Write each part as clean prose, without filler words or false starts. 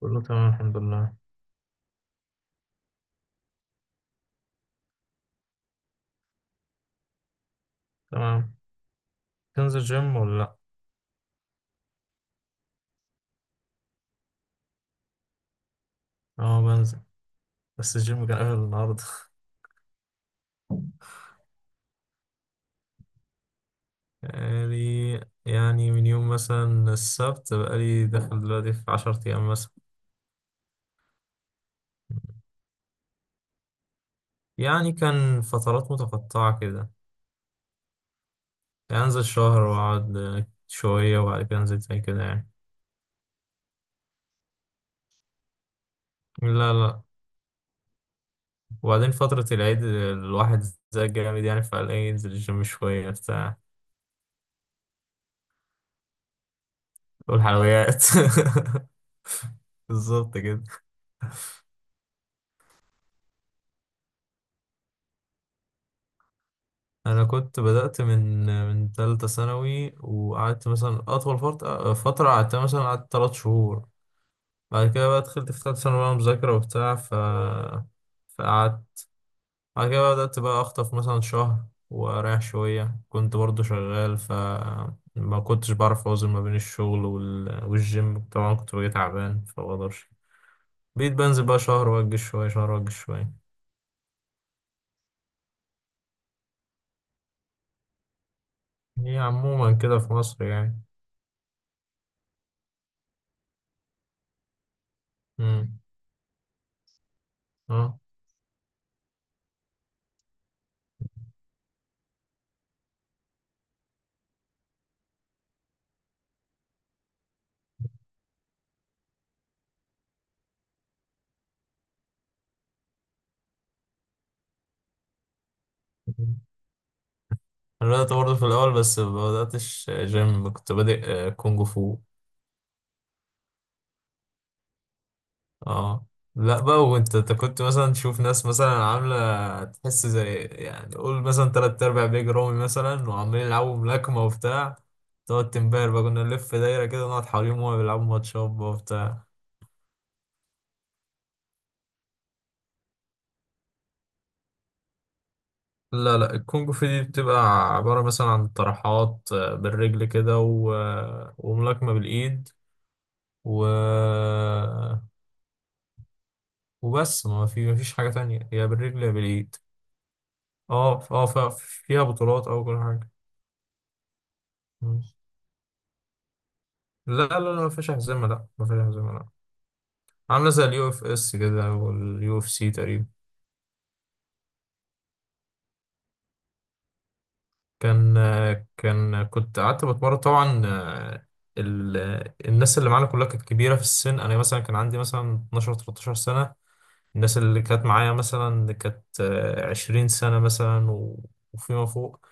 كله تمام الحمد لله. تمام. تنزل جيم ولا لا؟ اه بنزل، بس الجيم كان قافل النهارده. بقالي يعني من يوم مثلا السبت، بقالي داخل دلوقتي في عشرة أيام مثلا. يعني كان فترات متقطعة كده، يعني أنزل شهر وأقعد شوية وبعد كده أنزل تاني كده يعني. لا لا. وبعدين فترة العيد الواحد زي جامد يعني، فقال إيه ينزل الجيم شوية بتاع. والحلويات بالظبط كده. انا كنت بدأت من من تالتة ثانوي، وقعدت مثلا اطول فترة، قعدت مثلا قعدت تلات شهور. بعد كده بقى دخلت في تالتة ثانوي بقى مذاكرة وبتاع، فقعدت. بعد كده بقى بدأت بقى اخطف مثلا شهر واريح شوية، كنت برضو شغال، ف ما كنتش بعرف اوزن ما بين الشغل والجيم، طبعا كنت باجي تعبان فمبقدرش. بقيت بنزل بقى شهر واجي شوية، شهر واجي شوية. هي عموما كده في مصر يعني. امم اه. بدأت برضه في الأول، بس ما بدأتش جيم، كنت بادئ كونج فو. اه. لا بقى، وانت كنت مثلا تشوف ناس مثلا عاملة، تحس زي يعني قول مثلا تلات أرباع بيج رومي مثلا، وعمالين يلعبوا ملاكمة وبتاع. تقعد تنبهر بقى، كنا نلف دايرة كده نقعد حواليهم وهما بيلعبوا ماتشات بقى وبتاع. لا لا، الكونج فو دي بتبقى عبارة مثلا عن طرحات بالرجل كده و... آه، وملاكمة بالإيد و آه، وبس، ما في مفيش حاجة تانية، يا بالرجل يا بالإيد. فيها بطولات او كل حاجه. مم. لا لا لا، ما فيش هزيمه، لا ما فيش هزيمه لا. عامله زي اليو اف اس كده، واليو اف سي تقريبا. كان كان كنت قعدت بتمرن طبعا، ال... الناس اللي معانا كلها كانت كبيره في السن، انا مثلا كان عندي مثلا 12 13 سنه. الناس اللي كانت معايا مثلا كانت 20 سنه مثلا وفيما فوق.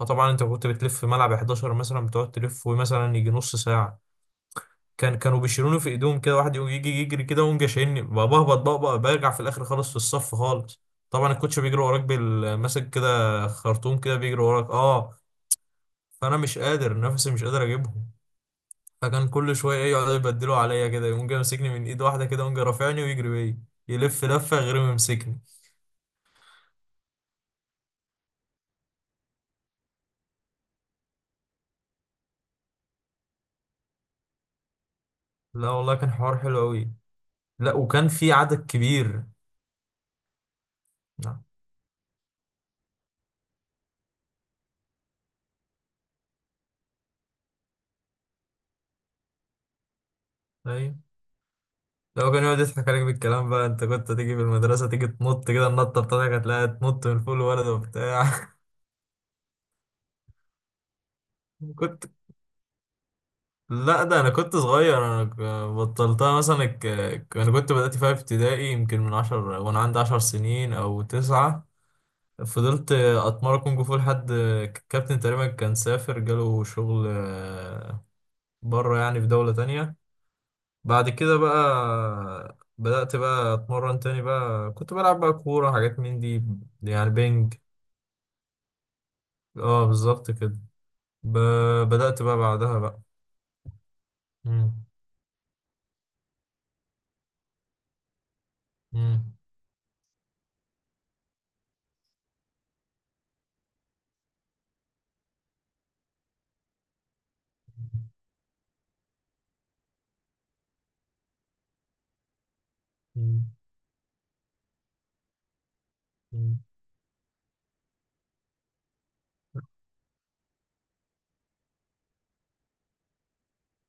فطبعا انت كنت بتلف في ملعب 11 مثلا، بتقعد تلف مثلا يجي نص ساعه. كانوا بيشيلوني في ايديهم كده، واحد يقوم يجي يجري كده ويقوم جاي شايلني بقى، بهبط بقى، بقى برجع في الاخر خالص، في الصف خالص. طبعا الكوتش بيجري وراك ماسك كده خرطوم كده، بيجري وراك اه. فانا مش قادر، نفسي مش قادر اجيبهم. فكان كل شويه ايه يقعدوا يبدلوا عليا كده، يقوم جاي ماسكني من ايد واحده كده، يقوم جاي رافعني ويجري بيا، يلف لفه غير ما يمسكني. لا والله، كان حوار حلو قوي. لا، وكان في عدد كبير. نعم. ايوه. لو كان يقعد يضحك عليك بالكلام بقى، انت كنت تيجي في المدرسة تيجي تنط كده، النطة بتاعتك هتلاقيها تنط من فوق الولد وبتاع. كنت لا ده انا كنت صغير، انا ك- بطلتها مثلا ك... ك- انا كنت بدأت فيها في ابتدائي، يمكن من عشر وانا عندي عشر سنين او تسعة. فضلت اتمرن كونج فو لحد الكابتن تقريبا كان سافر، جاله شغل بره يعني في دولة تانية. بعد كده بقى بدأت بقى اتمرن تاني بقى، كنت بلعب بقى كورة، حاجات من دي يعني بينج. اه بالظبط كده. ب... بدأت بقى بعدها بقى. مم. مم. مم. مم.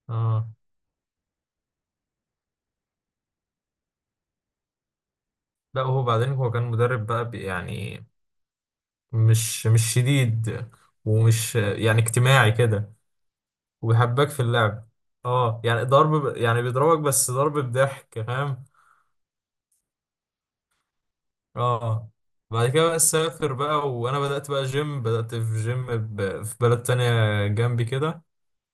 اه. لا هو بعدين هو كان مدرب بقى يعني مش شديد، ومش يعني اجتماعي كده، وبيحبك في اللعب. اه يعني ضرب يعني بيضربك، بس ضرب بضحك، فاهم. اه. بعد كده بقى سافر بقى، وانا بدأت بقى جيم، بدأت في جيم في بلد تانية جنبي كده.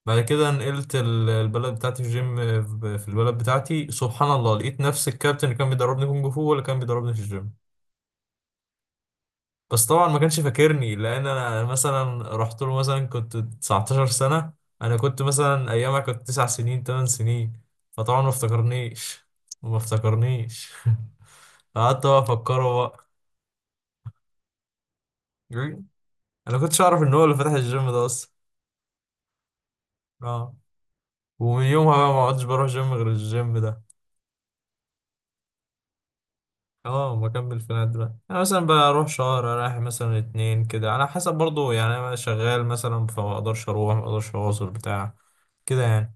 بعد كده نقلت البلد بتاعتي في جيم، في البلد بتاعتي سبحان الله لقيت نفس الكابتن اللي كان بيدربني كونج فو هو اللي كان بيدربني في الجيم. بس طبعا ما كانش فاكرني، لان انا مثلا رحت له مثلا كنت 19 سنة، انا كنت مثلا ايامها كنت 9 سنين 8 سنين، فطبعا ما افتكرنيش، ما افتكرنيش. قعدت بقى افكره بقى. انا كنتش اعرف ان هو اللي فتح الجيم ده اصلا. اه. ومن يومها بقى ما عدتش بروح جيم غير الجيم ده. اه بكمل في النادي بقى، انا مثلا بروح شهر رايح مثلا اتنين كده، على حسب برضو يعني، انا شغال مثلا فما اقدرش اروح، ما اقدرش اواصل بتاع كده يعني.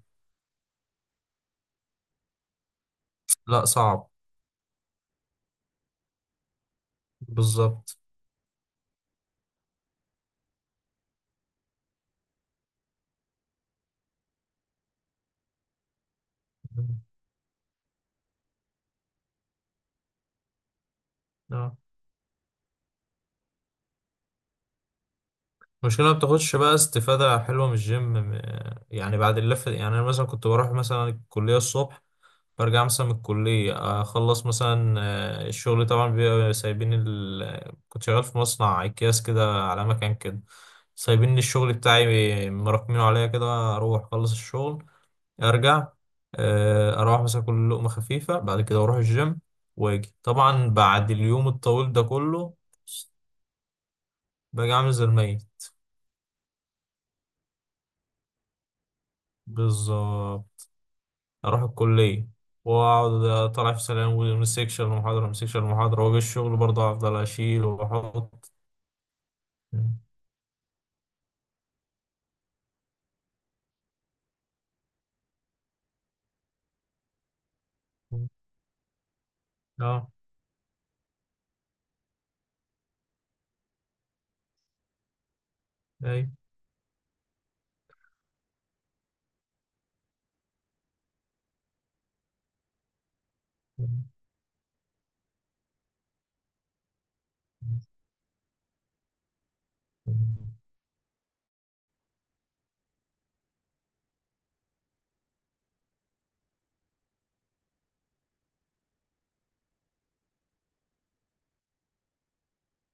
لا صعب. بالظبط. اه. المشكلة ما بتاخدش بقى استفادة حلوة من الجيم، يعني بعد اللفة يعني أنا مثلا كنت بروح مثلا الكلية الصبح، برجع مثلا من الكلية أخلص مثلا الشغل طبعا بيبقى سايبين كنت شغال في مصنع أكياس كده على مكان كده، سايبين لي الشغل بتاعي مراكمينه عليا كده، أروح أخلص الشغل، أرجع أروح مثلا كل لقمة خفيفة، بعد كده أروح الجيم، وأجي طبعا بعد اليوم الطويل ده كله باجي عامل زي الميت. بالظبط. اروح الكليه واقعد طالع في سلام، ومن سيكشن لمحاضره، من سيكشن لمحاضره، واجي الشغل برضه افضل اشيل واحط. اه. اي.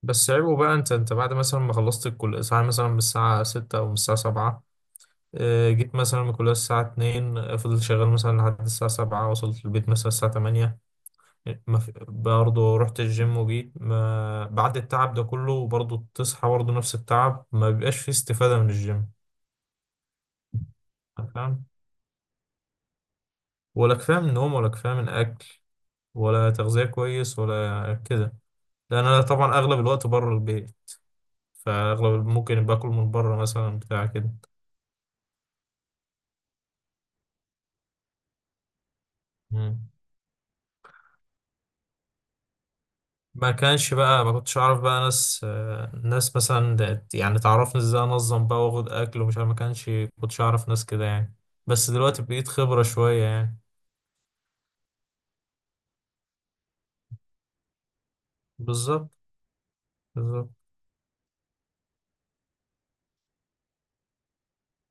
بس عيبه بقى، انت بعد مثلا ما خلصت الكليه ساعه مثلا، من الساعه 6 او من الساعه 7، جيت مثلا من الكليه الساعه 2، فضلت شغال مثلا لحد الساعه 7، وصلت البيت مثلا الساعه 8، ما في برضه رحت الجيم وجيت، ما بعد التعب ده كله برضه تصحى برضه نفس التعب، ما بيبقاش فيه استفادة من الجيم، فاهم. ولا كفاية من نوم، ولا كفاية من أكل، ولا تغذية كويس ولا كده. لأن أنا طبعا أغلب الوقت بره البيت، فأغلب ممكن باكل من بره مثلا بتاع كده. مم. ما كانش بقى، ما كنتش أعرف بقى ناس ناس مثلا يعني تعرفني إزاي أنظم بقى وآخد أكل ومش عارف، ما كانش كنتش أعرف ناس كده يعني. بس دلوقتي بقيت خبرة شوية يعني. بالظبط. بالظبط.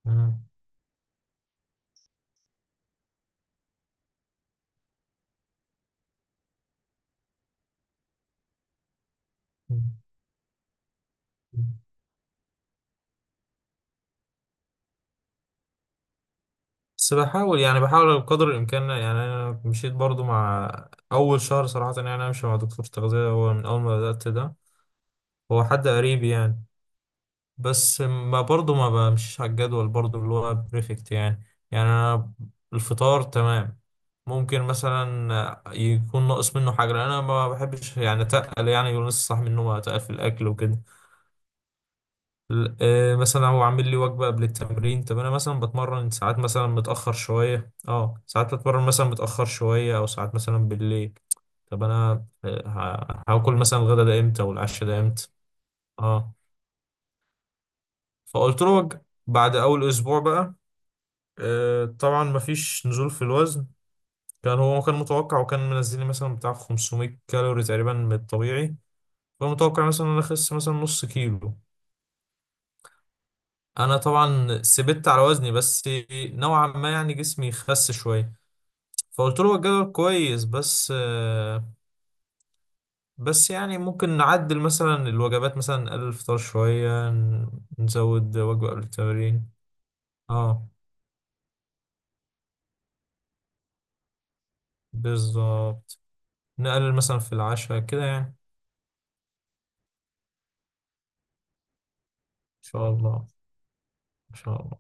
مم. مم. بس بحاول يعني، بحاول بقدر الإمكان يعني. أنا مشيت برضو مع أول شهر صراحة، يعني أنا ماشي مع دكتور تغذية هو من أول ما بدأت ده، هو حد قريب يعني. بس ما برضو ما بمشيش على الجدول برضو اللي هو بريفكت يعني. يعني أنا الفطار تمام، ممكن مثلا يكون ناقص منه حاجة لأن أنا ما بحبش يعني أتقل، يعني يقول نص صح منه ما أتقل في الأكل وكده. مثلا هو عامل لي وجبة قبل التمرين، طب انا مثلا بتمرن ساعات مثلا متأخر شوية، اه ساعات بتمرن مثلا متأخر شوية او ساعات مثلا بالليل. طب انا هاكل مثلا الغدا ده امتى والعشاء ده امتى؟ اه. فقلت له وجبة بعد اول اسبوع بقى، طبعا مفيش نزول في الوزن. هو كان متوقع، وكان منزل لي مثلا بتاع 500 كالوري تقريبا من الطبيعي، فمتوقع مثلا ان انا اخس مثلا نص كيلو. انا طبعا سبت على وزني بس، نوعا ما يعني جسمي خس شويه. فقلت له هو الجدول كويس بس بس يعني ممكن نعدل مثلا الوجبات، مثلا نقلل الفطار شويه، نزود وجبه قبل التمرين. اه بالظبط. نقلل مثلا في العشاء كده يعني. ان شاء الله. ان شاء الله.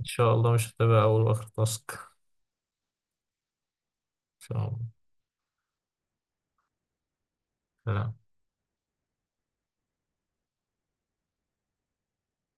ان شاء الله مش هتبقى اول واخر تاسك ان شاء الله. سلام.